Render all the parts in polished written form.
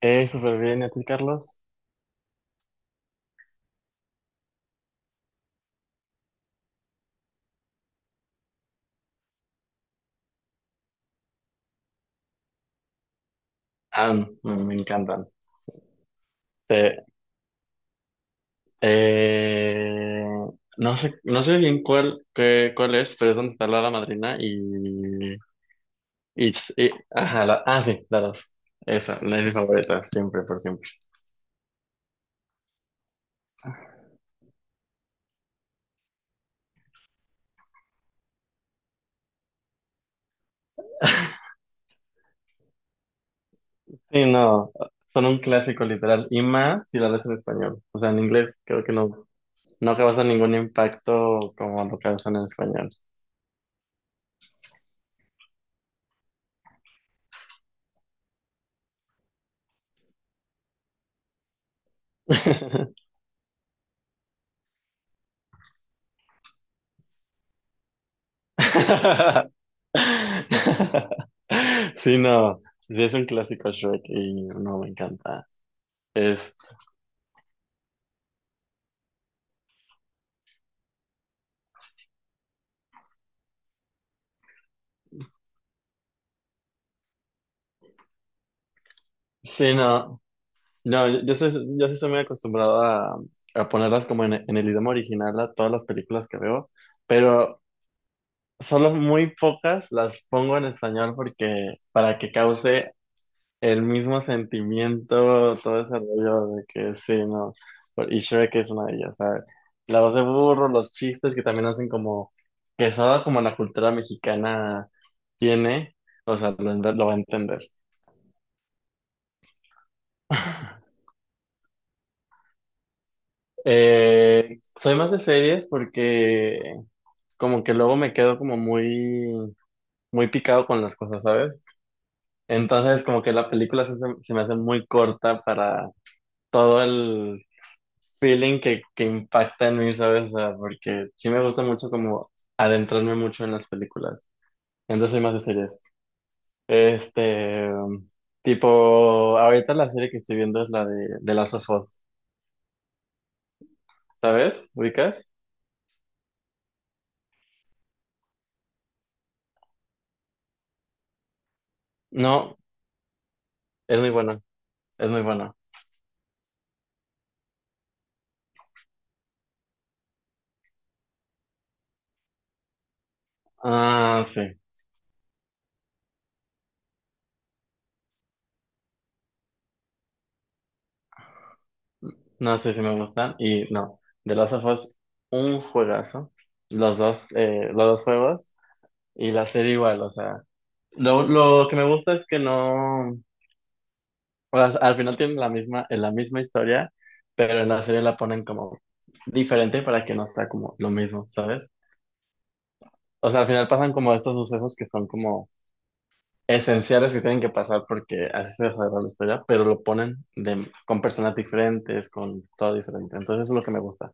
Súper bien, ¿y a ti, Carlos? Ah, me encantan. Eh, eh, no sé, no sé bien cuál, cuál es, pero es donde está la hada madrina y, ajá, ah, sí, la dos. Esa, la es mi favorita, siempre, por siempre. Sí, no, son un clásico literal, y más si la ves en español. O sea, en inglés creo que no, no causa ningún impacto como lo causan en español. Sí, no, sí es un clásico Shrek y no me encanta. Es, sí, no, no, yo sí soy muy acostumbrado a ponerlas como en el idioma original a todas las películas que veo, pero solo muy pocas las pongo en español porque para que cause el mismo sentimiento, todo ese rollo de que sí, no. Y Shrek es una de ellas, ¿sabes? La voz de burro, los chistes que también hacen como, que solo como la cultura mexicana tiene, o sea, lo va a entender. Soy más de series porque como que luego me quedo como muy, muy picado con las cosas, ¿sabes? Entonces como que la película sí se me hace muy corta para todo feeling que impacta en mí, ¿sabes? O sea, porque sí me gusta mucho como adentrarme mucho en las películas. Entonces soy más de series. Este, tipo, ahorita la serie que estoy viendo es la de Last of Us, ¿sabes? ¿Ubicas? No, es muy buena, es muy buena. Ah, sí, no sé si me gustan. Y no, The Last of Us, un juegazo. Los dos juegos y la serie igual, o sea. Lo que me gusta es que no. O sea, al final tienen la misma historia, pero en la serie la ponen como diferente para que no sea como lo mismo, ¿sabes? O sea, al final pasan como estos sucesos que son como esenciales que tienen que pasar porque así se desarrolla la historia, pero lo ponen con personas diferentes, con todo diferente. Entonces eso es lo que me gusta.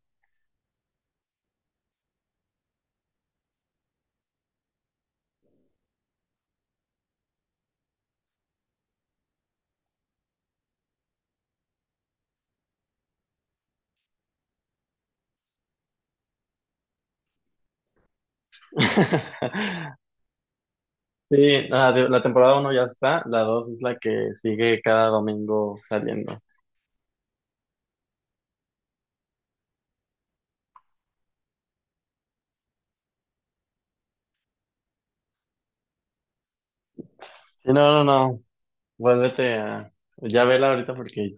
Sí, nada, la temporada uno ya está, la 2 es la que sigue cada domingo saliendo. Sí, no, no, no, vuélvete a... Ya vela ahorita porque...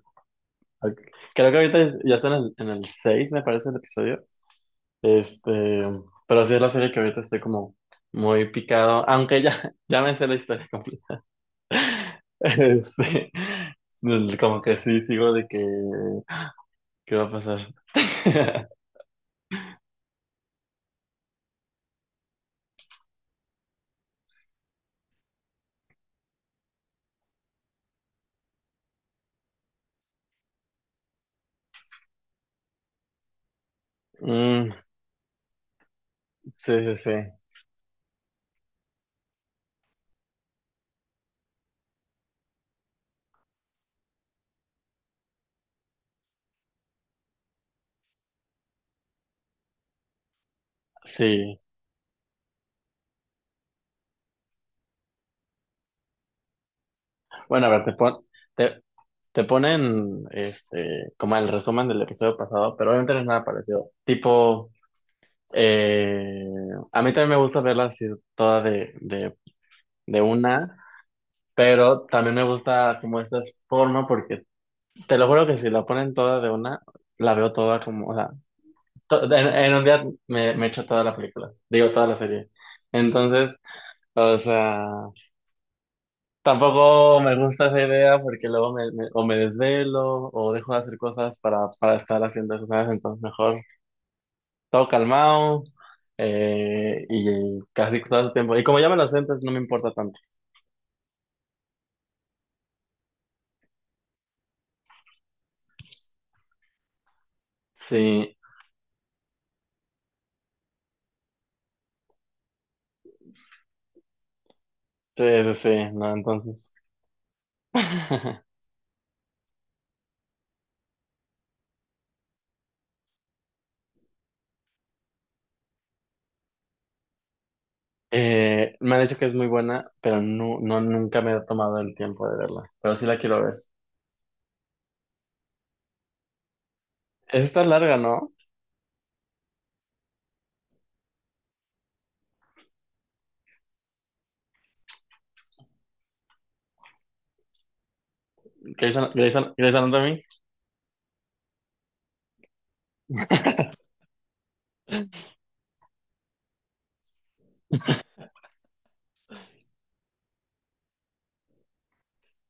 Ok. Creo que ahorita ya están en el 6 me parece, el episodio. Este, pero sí es la serie que ahorita estoy como muy picado, aunque ya, ya me sé la historia completa. Este, como que sí, sigo de que, ¿qué va a pasar? Mm, sí, sí, sí, sí. Bueno, a ver, te, te ponen este, como el resumen del episodio pasado, pero obviamente no es nada parecido. Tipo, eh, a mí también me gusta verla así toda de una, pero también me gusta como esta forma porque te lo juro que si la ponen toda de una, la veo toda como, o sea, en un día me echo toda la película, digo toda la serie. Entonces, o sea, tampoco me gusta esa idea porque luego o me desvelo o dejo de hacer cosas para estar haciendo esas cosas, entonces mejor todo calmado. Y casi todo el tiempo. Y como ya me lo sé, entonces no me importa tanto. Sí, sí, sí, sí, no, entonces. Me han dicho que es muy buena, pero no, no, nunca me he tomado el tiempo de verla. Pero sí la quiero ver. Esta es larga, ¿no? Grey's Anatomy.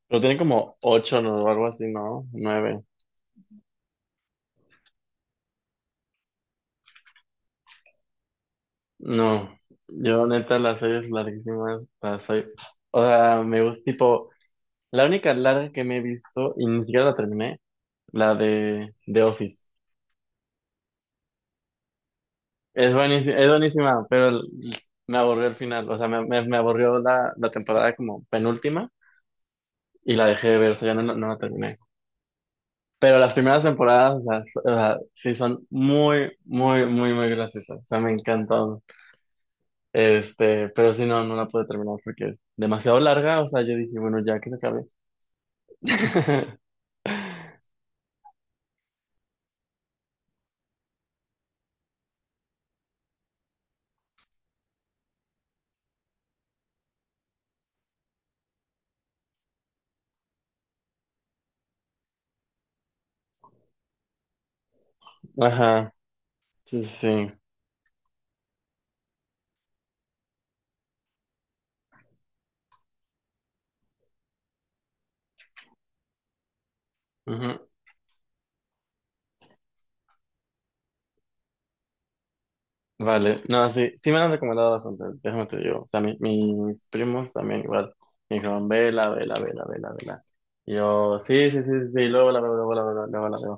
Pero tiene como ocho, ¿no? O algo así, ¿no? Nueve. No. Yo, neta, las series larguísimas las soy... O sea, me gusta, tipo... La única larga que me he visto, y ni siquiera la terminé, la de The Office. Es buenísima, pero me aburrió el final. O sea, me aburrió la temporada como penúltima. Y la dejé de ver, o sea, ya no, no la terminé. Pero las primeras temporadas, o sea, o sea, sí son muy, muy, muy, muy graciosas. O sea, me encantaron. Este, pero sí, no, no la pude terminar porque es demasiado larga. O sea, yo dije, bueno, ya que se acabe. Ajá, sí, sí, sí. Ujú. Vale, no, sí, sí me la han recomendado bastante, déjame te digo. O sea, mis primos también igual me dijeron, vela, vela, vela, vela, vela. Y yo, sí, sí, sí, sí, sí, luego la veo, luego la veo, luego la veo.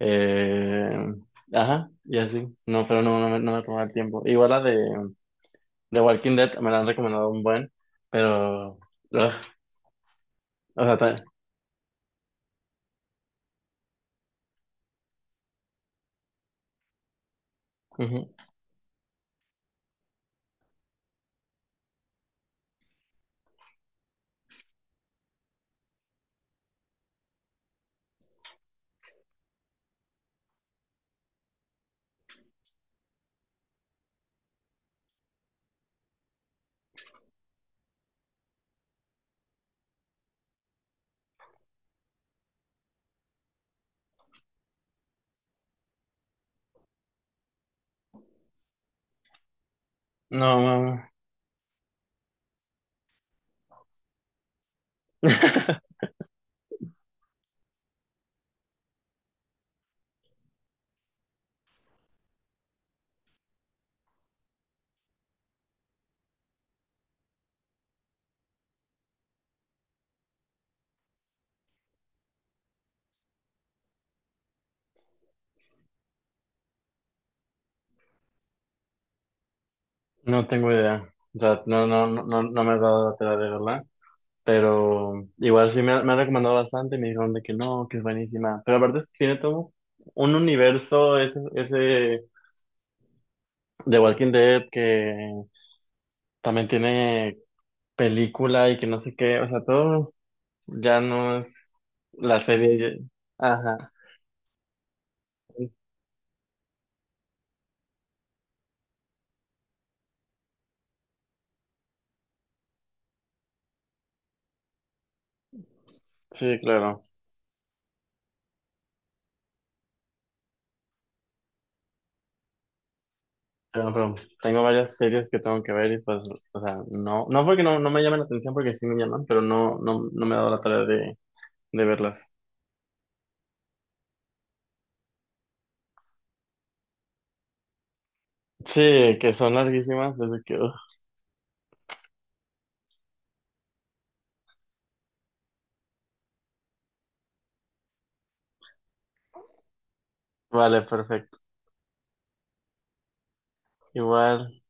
Eh, ajá, y así. No, pero no, no me tomaba el tiempo. Igual la de Walking Dead me la han recomendado un buen, pero. Ugh, o sea, ujú. No, no, no tengo idea. O sea, no, no, no, no no me he dado la tarea de verla. Pero igual sí me han recomendado bastante y me dijeron de que no, que es buenísima. Pero aparte tiene todo un universo ese de Walking Dead que también tiene película y que no sé qué. O sea, todo. Ya no es la serie. Ajá. Sí, claro. Pero tengo varias series que tengo que ver y pues, o sea, no, no porque no, no me llamen la atención, porque sí me llaman, pero no, no, no me he dado la tarea de verlas. Sí, que son larguísimas, desde que... uf. Vale, perfecto. Igual.